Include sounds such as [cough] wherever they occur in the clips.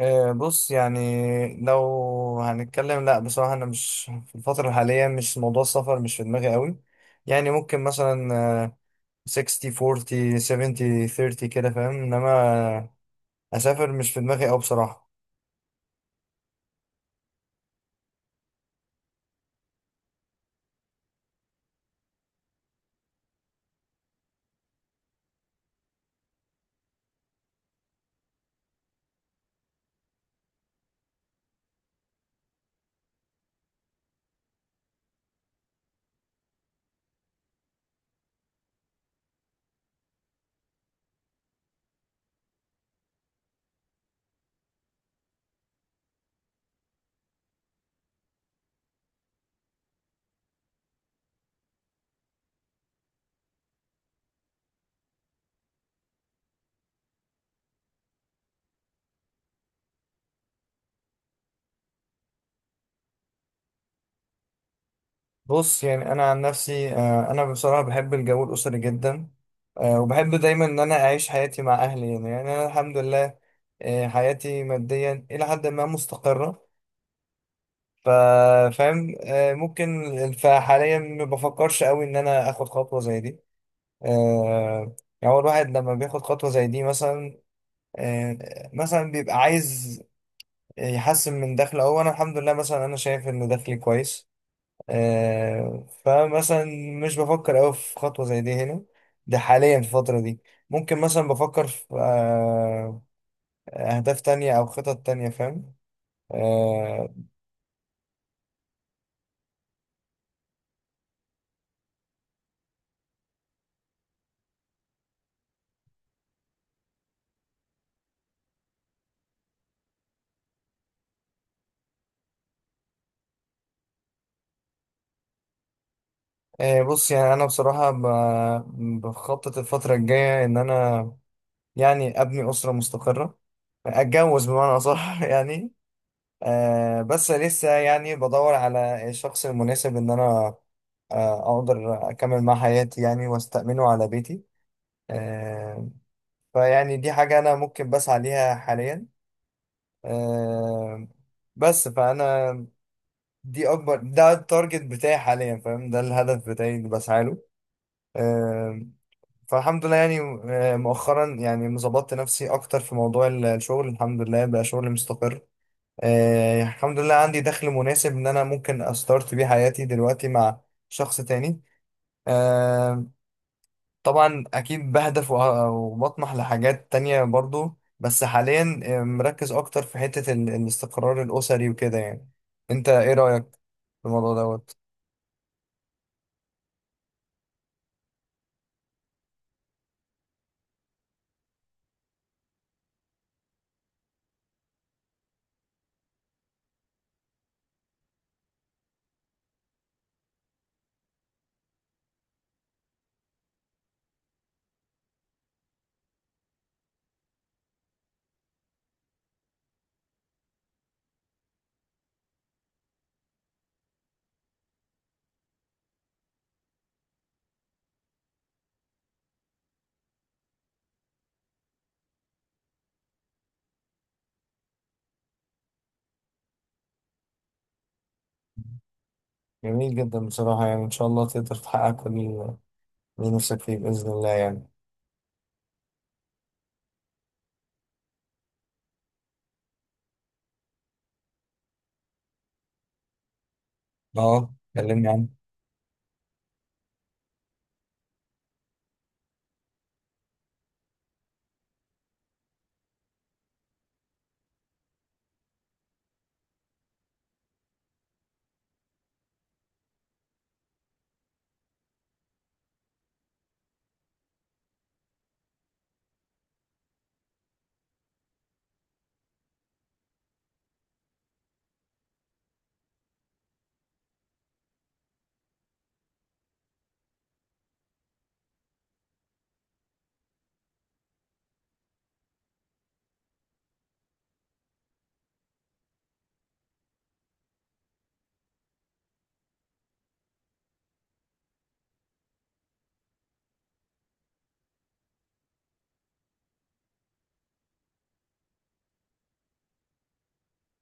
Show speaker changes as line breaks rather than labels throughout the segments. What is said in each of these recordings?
بص يعني لو هنتكلم، لا بصراحة أنا مش في الفترة الحالية، مش موضوع السفر مش في دماغي قوي. يعني ممكن مثلا آه، 60 40 70 30 كده، فاهم؟ إنما أسافر مش في دماغي أوي بصراحة. بص يعني أنا عن نفسي، أنا بصراحة بحب الجو الأسري جدا. وبحب دايما إن أنا أعيش حياتي مع أهلي. يعني أنا الحمد لله. حياتي ماديا إلى حد ما مستقرة. فاهم. ممكن، فحاليا ما بفكرش قوي ان انا اخد خطوه زي دي. آه، يعني هو الواحد لما بياخد خطوه زي دي مثلا، آه، مثلا بيبقى عايز يحسن من دخله، او انا الحمد لله، مثلا انا شايف ان دخلي كويس. فمثلا مش بفكر قوي في خطوه زي دي هنا، ده حاليا في الفتره دي. ممكن مثلا بفكر في اهداف تانية او خطط تانية، فاهم؟ آه، بص يعني انا بصراحه بخطط الفتره الجايه ان انا يعني ابني اسره مستقره، اتجوز بمعنى اصح [laughs] يعني. بس لسه يعني بدور على الشخص المناسب ان انا اقدر اكمل مع حياتي يعني، واستأمنه على بيتي. آه، فيعني دي حاجة انا ممكن بسعى ليها حاليا. آه، بس فانا دي اكبر، ده التارجت بتاعي حاليا، فاهم؟ ده الهدف بتاعي اللي بسعى له. آه، فالحمد لله يعني. مؤخرا يعني ظبطت نفسي اكتر في موضوع الشغل، الحمد لله بقى شغل مستقر. الحمد لله عندي دخل مناسب ان انا ممكن استارت بيه حياتي دلوقتي مع شخص تاني. آه، طبعا اكيد بهدف وبطمح لحاجات تانية برضو، بس حاليا مركز اكتر في حتة الاستقرار الاسري وكده يعني. انت ايه رأيك في الموضوع دوت؟ جميل جدا بصراحة، يعني ان شاء الله تقدر تحقق كل اللي نفسك فيه بإذن الله يعني. اه، كلمني عنه.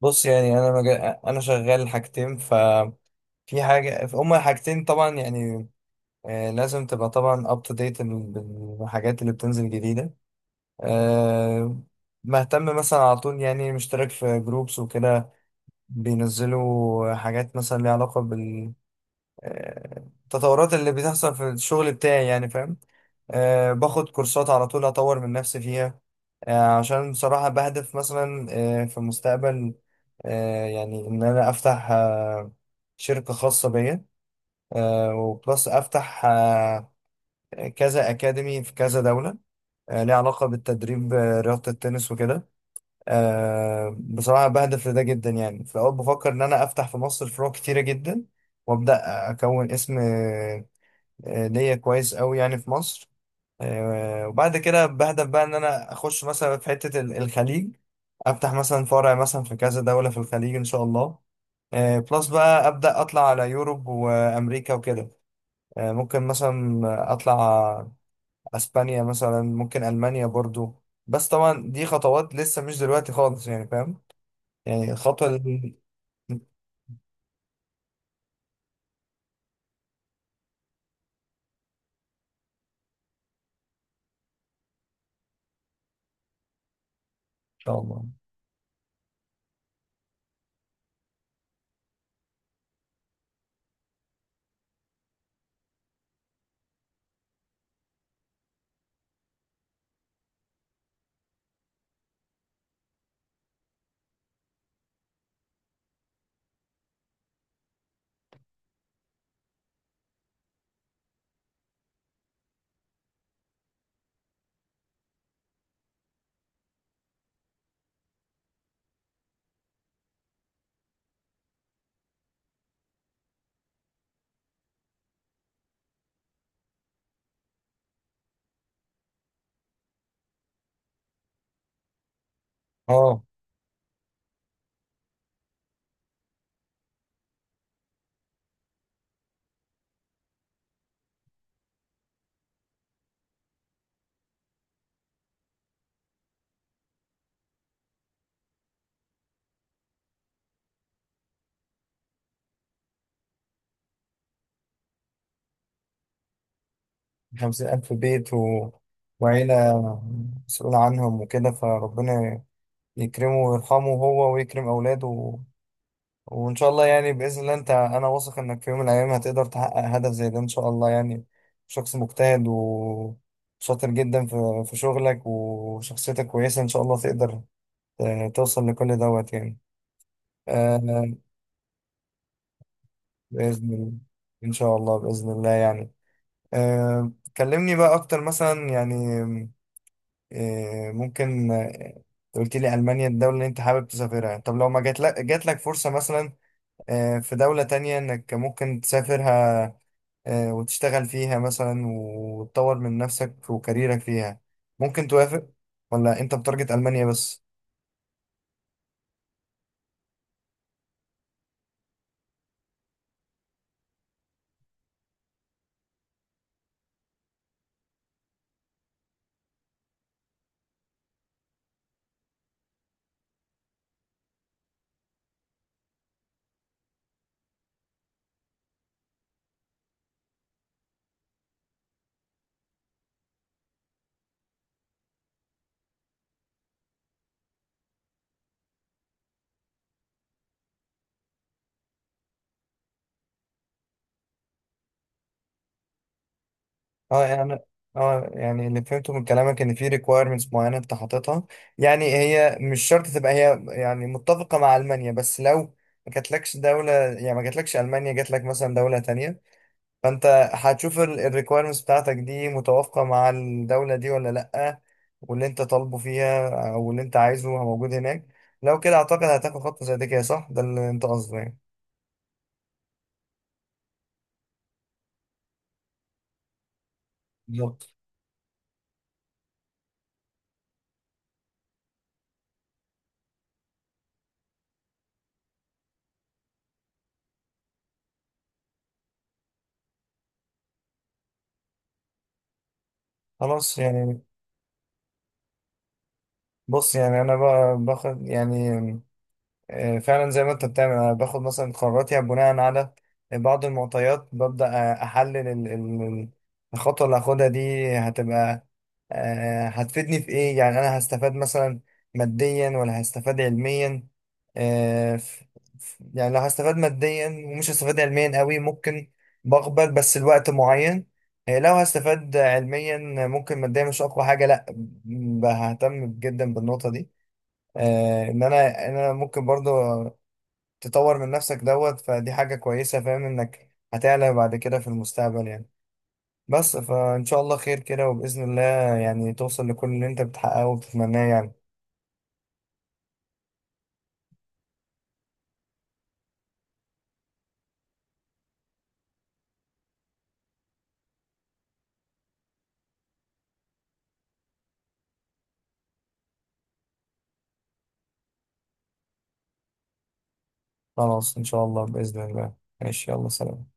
بص يعني انا شغال حاجتين، ففي حاجه، هما حاجتين طبعا يعني. لازم تبقى طبعا اب تو ديت بالحاجات اللي بتنزل جديده. آه مهتم مثلا على طول، يعني مشترك في جروبس وكده، بينزلوا حاجات مثلا ليها علاقه التطورات اللي بتحصل في الشغل بتاعي، يعني فاهم. باخد كورسات على طول أطور من نفسي فيها. عشان بصراحة بهدف مثلا في المستقبل، يعني إن أنا أفتح شركة خاصة بيا، وبلس أفتح كذا أكاديمي في كذا دولة، ليها علاقة بالتدريب، رياضة التنس وكده. بصراحة بهدف لده جدا، يعني في الأول بفكر إن أنا أفتح في مصر فروع كتيرة جدا، وأبدأ أكون اسم ليا كويس قوي يعني في مصر. وبعد كده بهدف بقى ان انا اخش مثلا في حتة الخليج، افتح مثلا فرع مثلا في كذا دولة في الخليج ان شاء الله. بلس بقى ابدا اطلع على يوروب وامريكا وكده. ممكن مثلا اطلع اسبانيا مثلا، ممكن المانيا برضو، بس طبعا دي خطوات لسه مش دلوقتي خالص، يعني فاهم. يعني الخطوة اللي ان شاء الله. اه، خمسين ألف بيت وعيلة مسؤول عنهم وكده، فربنا يكرمه ويرحمه، هو ويكرم أولاده وإن شاء الله يعني بإذن الله. أنت، أنا واثق إنك في يوم من الأيام هتقدر تحقق هدف زي ده إن شاء الله يعني. شخص مجتهد وشاطر جدا في شغلك، وشخصيتك كويسة إن شاء الله تقدر توصل لكل دوت يعني. آه بإذن الله. إن شاء الله بإذن الله يعني. آه كلمني بقى أكتر مثلا يعني، إيه، ممكن انت قلت لي ألمانيا الدولة اللي أنت حابب تسافرها. طب لو ما جات لك فرصة مثلا في دولة تانية إنك ممكن تسافرها، وتشتغل فيها مثلا وتطور من نفسك وكاريرك فيها، ممكن توافق؟ ولا أنت بتارجت ألمانيا بس؟ اه يعني اه، يعني اللي فهمته من كلامك ان في ريكويرمنتس معينه انت حاططها. يعني هي مش شرط تبقى هي يعني متفقه مع المانيا، بس لو ما جاتلكش المانيا، جاتلك مثلا دوله تانية، فانت هتشوف الريكويرمنتس بتاعتك دي متوافقة مع الدولة دي ولا لأ، واللي انت طالبه فيها او اللي انت عايزه موجود هناك. لو كده اعتقد هتاخد خطوة زي دي، كده صح؟ ده اللي انت قصده يعني. بالظبط. خلاص يعني. بص يعني انا بقى باخد يعني، فعلا زي ما انت بتعمل، انا باخد مثلا قراراتي بناء على بعض المعطيات. ببدأ احلل الخطوة اللي هاخدها دي، هتبقى هتفيدني في ايه؟ يعني انا هستفاد مثلا ماديا ولا هستفاد علميا. آه، ف- يعني لو هستفاد ماديا ومش هستفاد علميا قوي، ممكن بقبل بس لوقت معين. لو هستفاد علميا ممكن ماديا مش اقوى حاجة، لا، ههتم جدا بالنقطة دي. ان انا ممكن برضو تطور من نفسك دوت، فدي حاجة كويسة. فاهم انك هتعلى بعد كده في المستقبل يعني. بس فان شاء الله خير كده وبإذن الله، يعني توصل لكل اللي انت بتحققه وبتتمناه يعني. خلاص ان شاء الله بإذن الله. ماشي، يلا سلام.